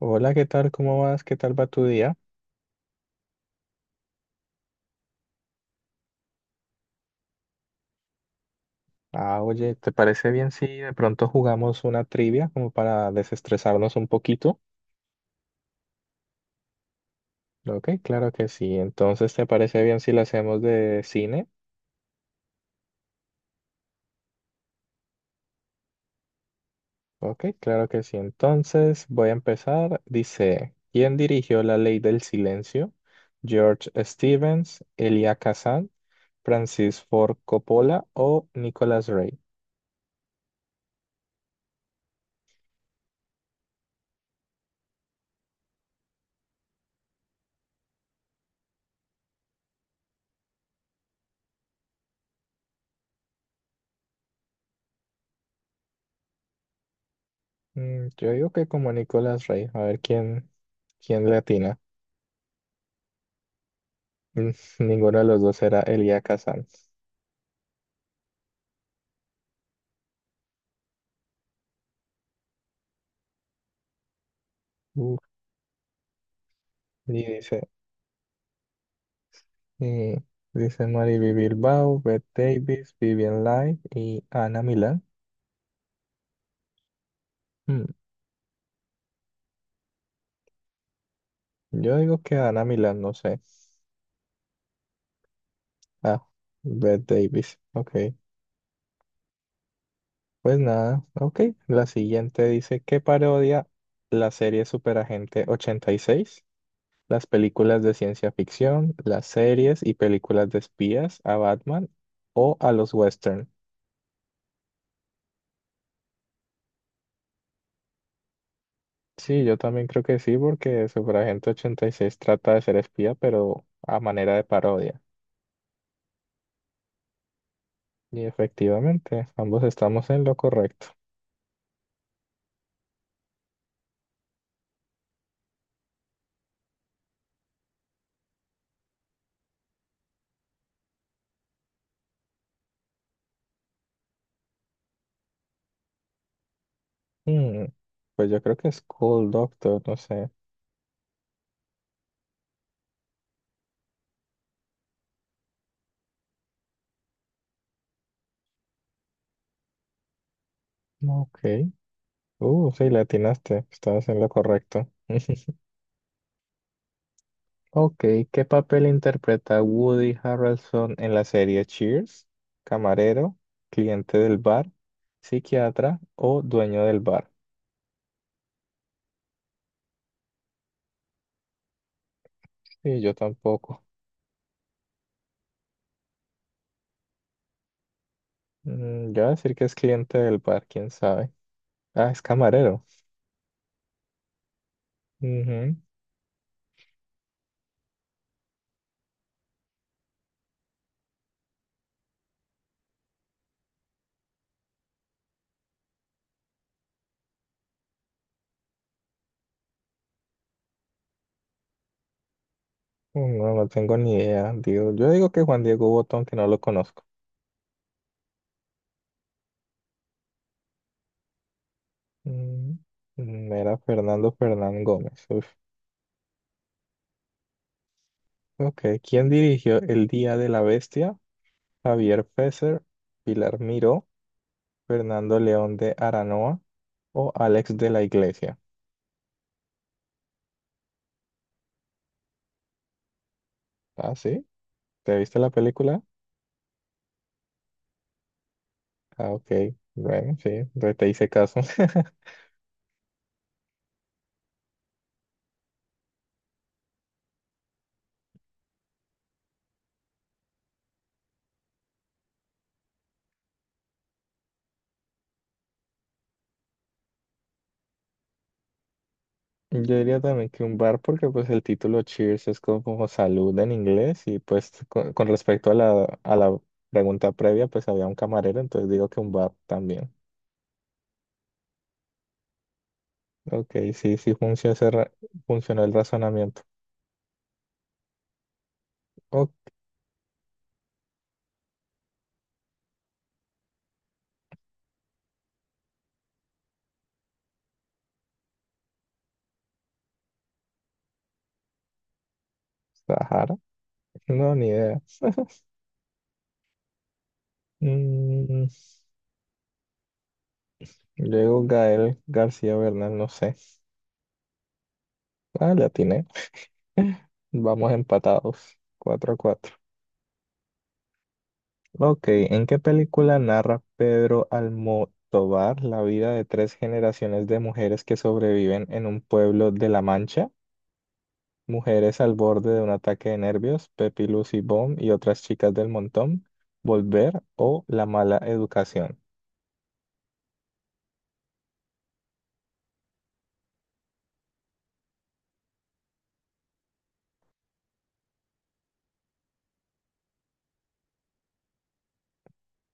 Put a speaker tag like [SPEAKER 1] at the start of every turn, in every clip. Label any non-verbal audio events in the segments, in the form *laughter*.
[SPEAKER 1] Hola, ¿qué tal? ¿Cómo vas? ¿Qué tal va tu día? Ah, oye, ¿te parece bien si de pronto jugamos una trivia como para desestresarnos un poquito? Ok, claro que sí. Entonces, ¿te parece bien si la hacemos de cine? Ok, claro que sí. Entonces, voy a empezar. Dice, ¿quién dirigió La Ley del Silencio? George Stevens, Elia Kazan, Francis Ford Coppola o Nicolas Ray. Yo digo que como Nicolas Ray. A ver quién le atina. *laughs* Mm, Ninguno de los dos era Eliaka Sanz. Uf. Y dice, y dice Mariby Bilbao, Bette Davis, Vivian Leigh y Ana Milán. Mm, Yo digo que Ana Milán, no sé. Ah, Bette Davis. Ok. Pues nada, ok. La siguiente dice, ¿qué parodia la serie Superagente 86? ¿Las películas de ciencia ficción, las series y películas de espías, a Batman o a los westerns? Sí, yo también creo que sí, porque Superagente 86 trata de ser espía, pero a manera de parodia. Y efectivamente, ambos estamos en lo correcto. Hmm, Pues yo creo que es Cool Doctor, no sé. Ok. Sí, le atinaste, estabas en lo correcto. *laughs* Ok, ¿qué papel interpreta Woody Harrelson en la serie Cheers? ¿Camarero, cliente del bar, psiquiatra o dueño del bar? Sí, yo tampoco. Yo voy a decir que es cliente del bar, quién sabe. Ah, es camarero. Ujú. Oh, no, no tengo ni idea. Digo, yo digo que Juan Diego Botón, que no lo conozco. Mm, Era Fernando Fernán Gómez. Uf. Ok, ¿quién dirigió El Día de la Bestia? Javier Fesser, Pilar Miró, Fernando León de Aranoa o Alex de la Iglesia. Ah, sí. ¿Te viste la película? Ah, ok. Bueno, sí, entonces te hice caso. *laughs* Yo diría también que un bar porque pues el título Cheers es como salud en inglés, y pues con respecto a la pregunta previa pues había un camarero, entonces digo que un bar también. Ok, sí, sí funcionó el razonamiento. Oh, Sahara, no, ni idea. *laughs* Mm, yo Gael García Bernal, no sé. Ah, le atiné. *laughs* Vamos empatados, 4-4. Ok, ¿en qué película narra Pedro Almodóvar la vida de tres generaciones de mujeres que sobreviven en un pueblo de La Mancha? Mujeres al borde de un ataque de nervios, Pepi, Lucy, Bomb y otras chicas del montón, Volver o La mala educación.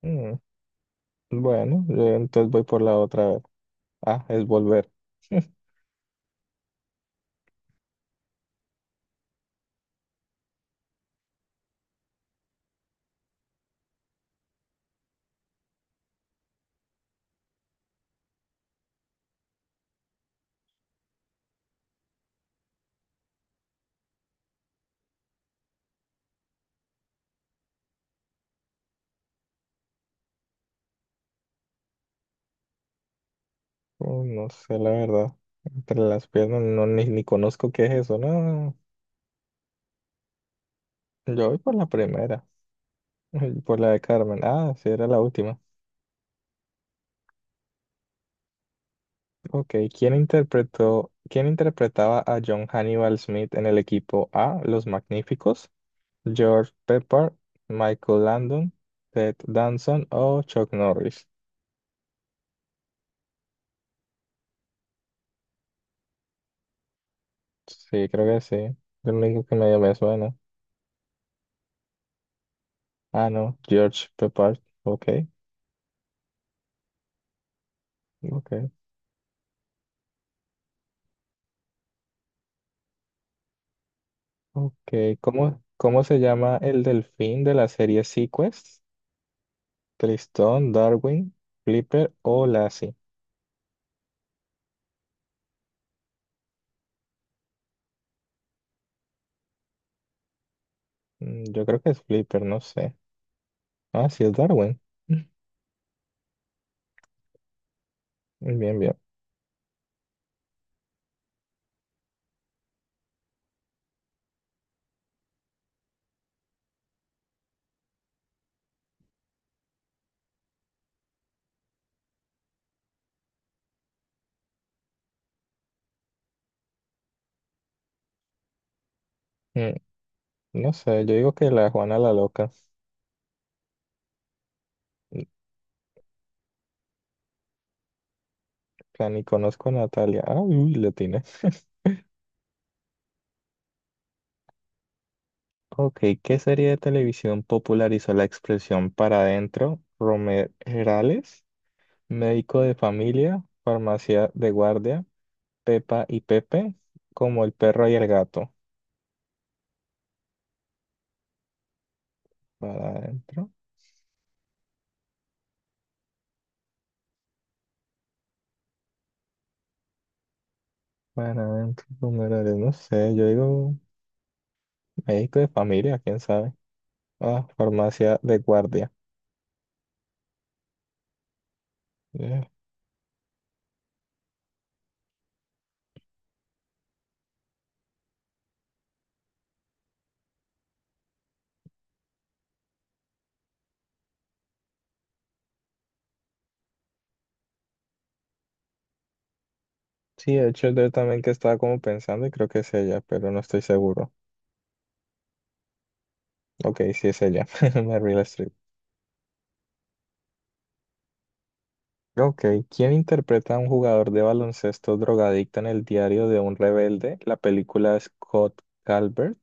[SPEAKER 1] Mm, bueno, yo entonces voy por la otra vez. Ah, es Volver. No sé, la verdad. Entre las piernas no, ni conozco qué es eso, no. Yo voy por la primera, *laughs* por la de Carmen. Ah, sí, era la última. Ok, ¿quién interpretaba a John Hannibal Smith en el equipo A, Los Magníficos? George Pepper, Michael Landon, Ted Danson o Chuck Norris. Sí, creo que sí. Lo único que medio me suena. Ah, no, George Pepper. Ok, ok, ok. ¿Cómo se llama el delfín de la serie Sequest? Tristón, Darwin, Flipper o Lassie. Yo creo que es Flipper, no sé. Ah, sí, es Darwin. *laughs* Bien, bien. Mm, No sé, yo digo que la Juana la loca. Mm, Plan, ni conozco a Natalia. Ah, uy, latina. *laughs* Ok, ¿qué serie de televisión popularizó la expresión para adentro? ¿Romerales, médico de familia, farmacia de guardia, Pepa y Pepe, como el perro y el gato? Para adentro, para adentro, Romerales, no sé, yo digo médico de familia, quién sabe. Ah, farmacia de guardia. Sí, de hecho yo también que estaba como pensando y creo que es ella, pero no estoy seguro. Ok, sí es ella, *laughs* Meryl Streep. Ok, ¿quién interpreta a un jugador de baloncesto drogadicto en el diario de un rebelde? La película. ¿Scott Calvert,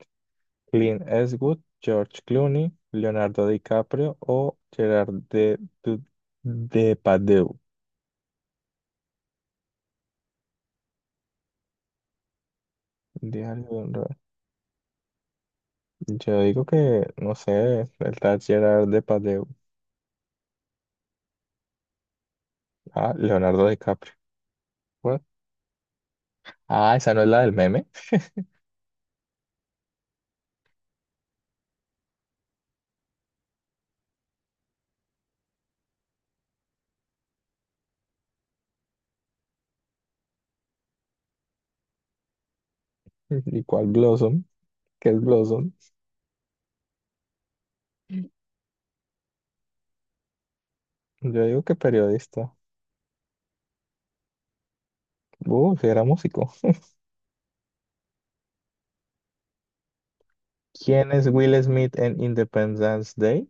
[SPEAKER 1] Clint Eastwood, George Clooney, Leonardo DiCaprio o Gerard de, Depardieu? Diario de un rebelde. Yo digo que, no sé, el tal Gerard Depardieu. Ah, Leonardo DiCaprio. What? Ah, esa no es la del meme. *laughs* ¿Y cuál Blossom? ¿Qué es Blossom? Yo digo que periodista. Si era músico. ¿Quién es Will Smith en Independence Day?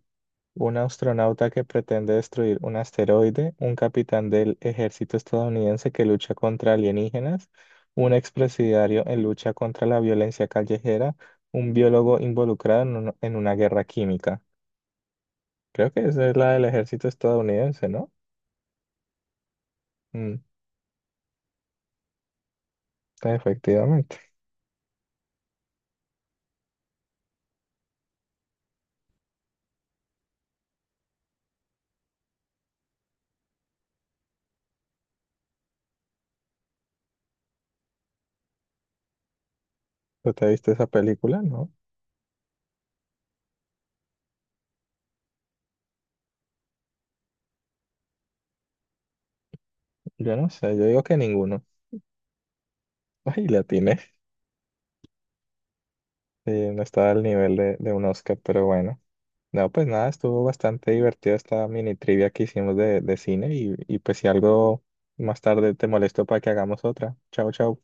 [SPEAKER 1] Un astronauta que pretende destruir un asteroide, un capitán del ejército estadounidense que lucha contra alienígenas, un expresidiario en lucha contra la violencia callejera, un biólogo involucrado en una guerra química. Creo que esa es la del ejército estadounidense, ¿no? Mm, Efectivamente. ¿Tú te viste esa película? No. Yo no sé, yo digo que ninguno. Ay, la tiene. No estaba al nivel de un Oscar, pero bueno. No, pues nada, estuvo bastante divertida esta mini trivia que hicimos de cine, y pues si algo más tarde te molesto para que hagamos otra. Chao, chao.